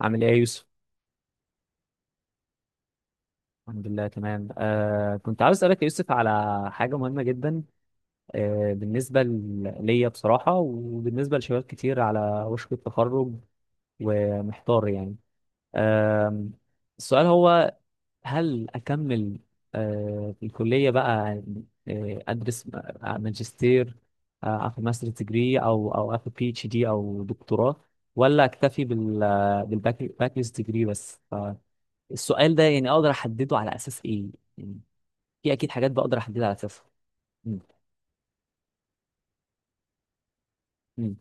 عامل ايه يا يوسف؟ الحمد لله تمام. كنت عاوز اسألك يا يوسف على حاجة مهمة جدا. بالنسبة ليا بصراحة، وبالنسبة لشباب كتير على وشك التخرج ومحتار يعني. آه السؤال هو، هل أكمل في الكلية بقى، أدرس ماجستير، أخد ماستر ديجري، أو أخد بي اتش دي أو دكتوراه، ولا أكتفي بالباك ديجري بس؟ السؤال ده يعني اقدر احدده على اساس ايه؟ يعني في اكيد حاجات بقدر احددها على اساسها. مم. مم.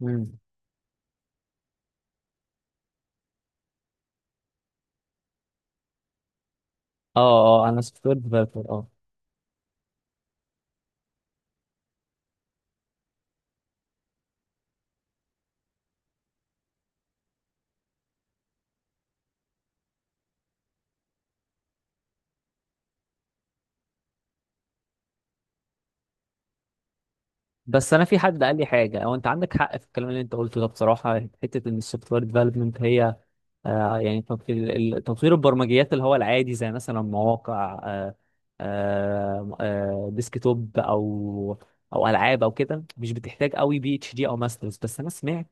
مم. اه. اه. انا سوفت وير ديفلوبر. اه. بس انا في حد قال لي حاجه، هو انت عندك حق في الكلام اللي انت قلته ده بصراحه، حته ان السوفت وير ديفلوبمنت هي يعني تطوير البرمجيات، اللي هو العادي زي مثلا مواقع، ديسكتوب او العاب او كده، مش بتحتاج قوي بي اتش دي او ماسترز. بس انا سمعت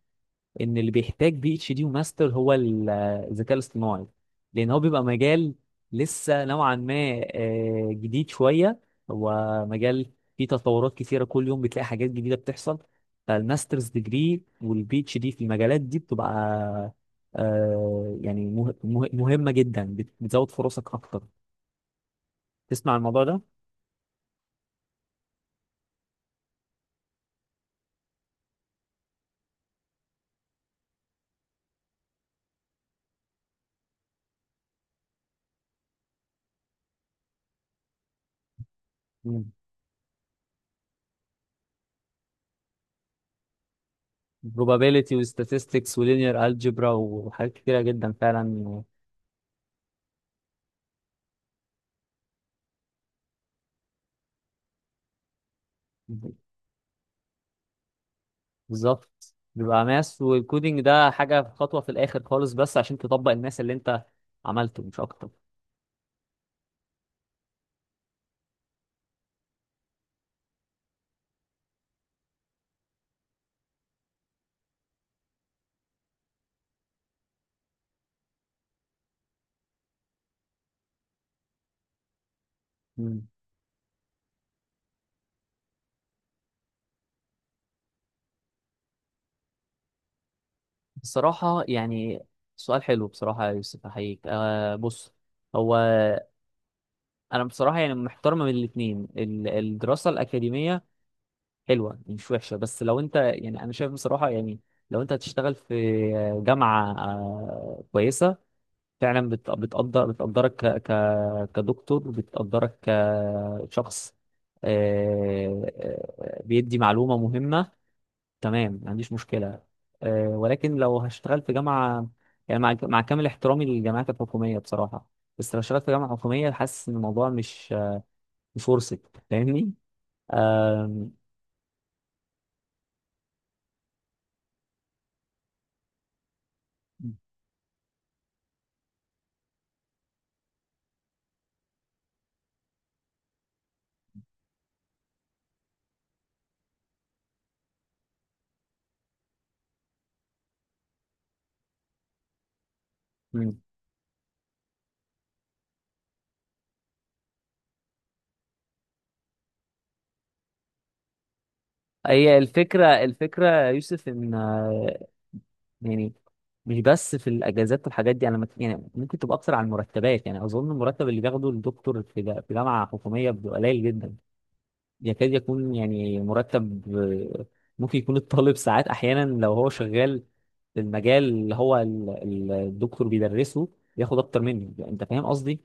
ان اللي بيحتاج بي اتش دي وماستر هو الذكاء الاصطناعي، لان هو بيبقى مجال لسه نوعا ما جديد شويه. هو مجال فيه تطورات كثيره كل يوم، بتلاقي حاجات جديده بتحصل. فالماسترز ديجري والبي اتش دي في المجالات دي بتبقى يعني مهمه جدا، بتزود فرصك اكتر. تسمع عن الموضوع ده؟ مم. probability و statistics و linear algebra وحاجات كتيره جدا فعلا. بالظبط، بيبقى ماس والكودينج ده حاجة في خطوة في الآخر خالص، بس عشان تطبق الماس اللي أنت عملته مش أكتر. مم. بصراحة يعني سؤال حلو بصراحة يا يوسف، أحييك. بص، هو أنا بصراحة يعني محتار ما بين الاتنين، الدراسة الأكاديمية حلوة مش وحشة. بس لو أنت يعني، أنا شايف بصراحة يعني لو أنت هتشتغل في جامعة كويسة فعلا، بتقدرك كدكتور، بتقدرك كشخص، بيدي معلومة مهمة، تمام ما عنديش مشكلة. ولكن لو هشتغل في جامعة، يعني مع كامل احترامي للجامعات الحكومية بصراحة، بس لو اشتغلت في جامعة حكومية حاسس إن الموضوع مش ورثة. فاهمني؟ آم، مم. هي الفكرة يا يوسف، إن يعني مش بس في الاجازات والحاجات دي، انا يعني ممكن تبقى اكتر على المرتبات. يعني اظن المرتب اللي بياخده الدكتور في في جامعه حكوميه بيبقى قليل جدا، يكاد يكون يعني مرتب آه، ممكن يكون الطالب ساعات احيانا لو هو شغال في المجال اللي هو الدكتور بيدرسه، بياخد اكتر منه. انت فاهم قصدي؟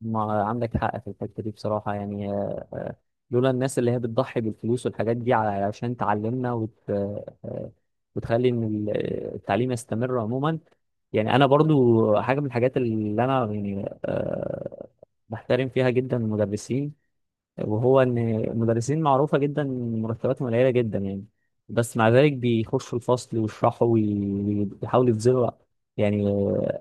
ما عندك حق في الحتة دي بصراحة يعني. لولا الناس اللي هي بتضحي بالفلوس والحاجات دي علشان تعلمنا وتخلي إن التعليم يستمر عموما. يعني أنا برضو حاجة من الحاجات اللي أنا يعني بحترم فيها جدا المدرسين، وهو ان المدرسين معروفه جدا إن مرتباتهم قليله جدا يعني، بس مع ذلك بيخشوا الفصل ويشرحوا ويحاولوا يبذلوا يعني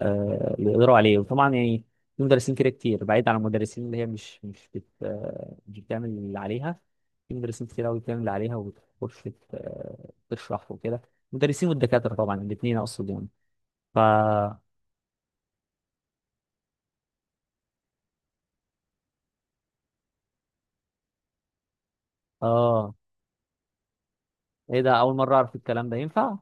اللي يقدروا عليه. وطبعا يعني في مدرسين كده كتير، بعيد عن المدرسين اللي هي مش مش بت آه، مش بتعمل اللي عليها، في مدرسين كتير قوي بتعمل اللي عليها وبتخش تشرح وكده. المدرسين والدكاتره طبعا، الاثنين اقصد يعني. ف اه، ايه ده؟ اول مره اعرف الكلام ده ينفع؟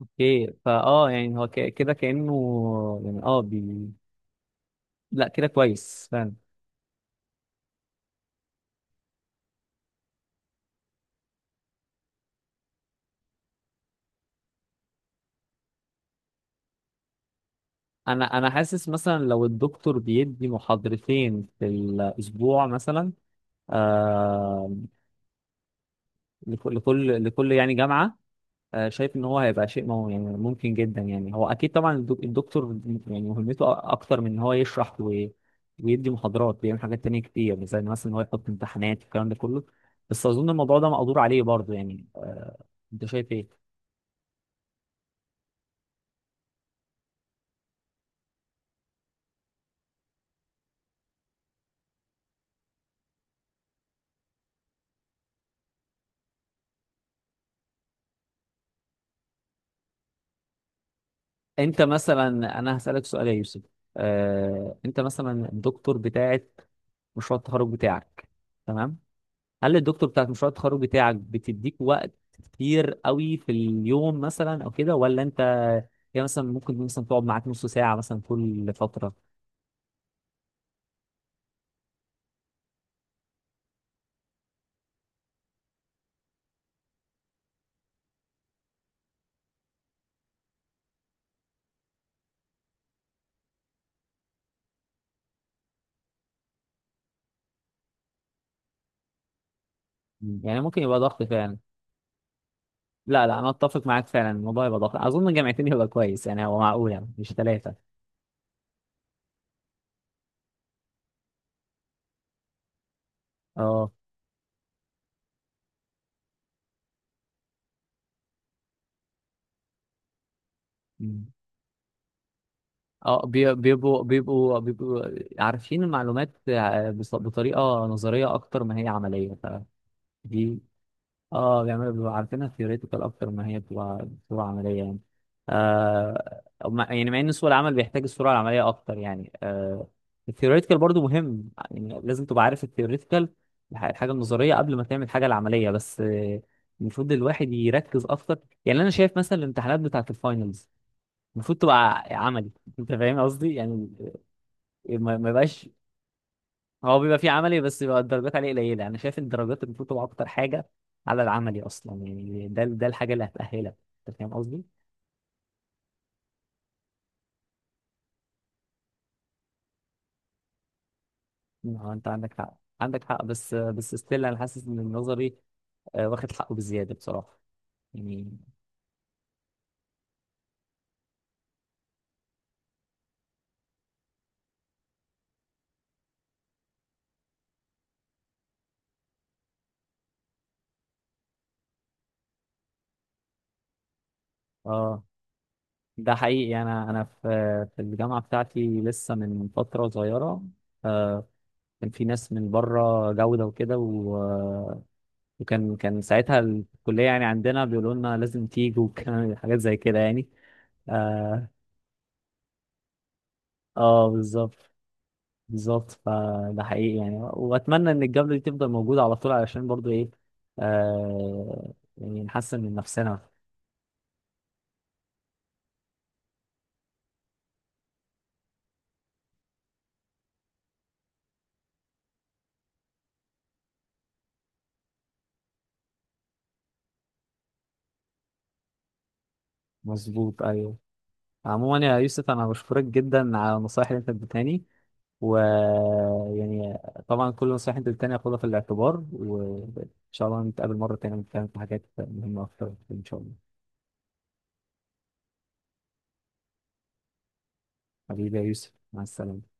اوكي، فاه يعني هو كده كأنه، يعني اه لا كده كويس فعلا. انا حاسس مثلا لو الدكتور بيدي محاضرتين في الاسبوع مثلا، آه لكل يعني جامعة، شايف ان هو هيبقى شيء مو، يعني ممكن جدا يعني. هو اكيد طبعا الدكتور يعني مهمته اكتر من ان هو يشرح ويدي محاضرات، بيعمل حاجات تانية كتير زي مثلا ان هو يحط امتحانات والكلام ده كله. بس اظن الموضوع ده مقدور عليه برضه يعني. انت شايف ايه؟ انت مثلا انا هسألك سؤال يا يوسف، انت مثلا الدكتور بتاعت مشروع التخرج بتاعك، تمام؟ هل الدكتور بتاعت مشروع التخرج بتاعك بتديك وقت كتير قوي في اليوم مثلا او كده، ولا انت، هي مثلا ممكن مثلا تقعد معاك نص ساعة مثلا كل فترة؟ يعني ممكن يبقى ضغط فعلا. لا، لا، انا اتفق معاك فعلا، الموضوع يبقى ضغط. اظن جامعتين يبقى كويس يعني، هو معقول يعني، مش ثلاثة. اه. اه، بيبقوا عارفين المعلومات بطريقة نظرية أكتر ما هي عملية، فدي، اه، بيبقوا عارفينها ثيوريتيكال أكتر ما هي بتبقى عملية يعني. آه مع- يعني مع إن سوق العمل بيحتاج السرعة العملية أكتر يعني. الثيوريتيكال برضو مهم، يعني لازم تبقى عارف الثيوريتيكال، الحاجة النظرية قبل ما تعمل الحاجة العملية، بس المفروض الواحد يركز أكتر. يعني أنا شايف مثلا الامتحانات بتاعة الفاينلز المفروض تبقى عملي. انت فاهم قصدي؟ يعني ما يبقاش، هو بيبقى فيه عملي، بس بيبقى الدرجات عليه قليله. انا شايف الدرجات المفروض تبقى اكتر حاجه على العملي اصلا، يعني ده الحاجه اللي هتاهلك. انت فاهم قصدي؟ اه، انت عندك حق، عندك حق، بس ستيل انا حاسس ان النظري واخد حقه بزياده بصراحه يعني. اه، ده حقيقي. انا في الجامعه بتاعتي، لسه من فتره صغيره آه، كان في ناس من بره جوده وكده، وكان ساعتها الكلية يعني عندنا بيقولوا لنا لازم تيجوا، وكان حاجات زي كده يعني. اه، بالظبط، بالظبط. فده حقيقي يعني، واتمنى ان الجبلة دي تفضل موجودة على طول، علشان برضو ايه، يعني نحسن من نفسنا. مظبوط، ايوه. عموما يا يوسف، انا بشكرك جدا على النصائح اللي انت اديتهاني، و يعني طبعا كل النصائح اللي انت اديتهاني هاخدها في الاعتبار، وان شاء الله نتقابل مرة تانية ونتكلم في حاجات مهمة اكتر، ان شاء الله. حبيبي يا يوسف، مع السلامة.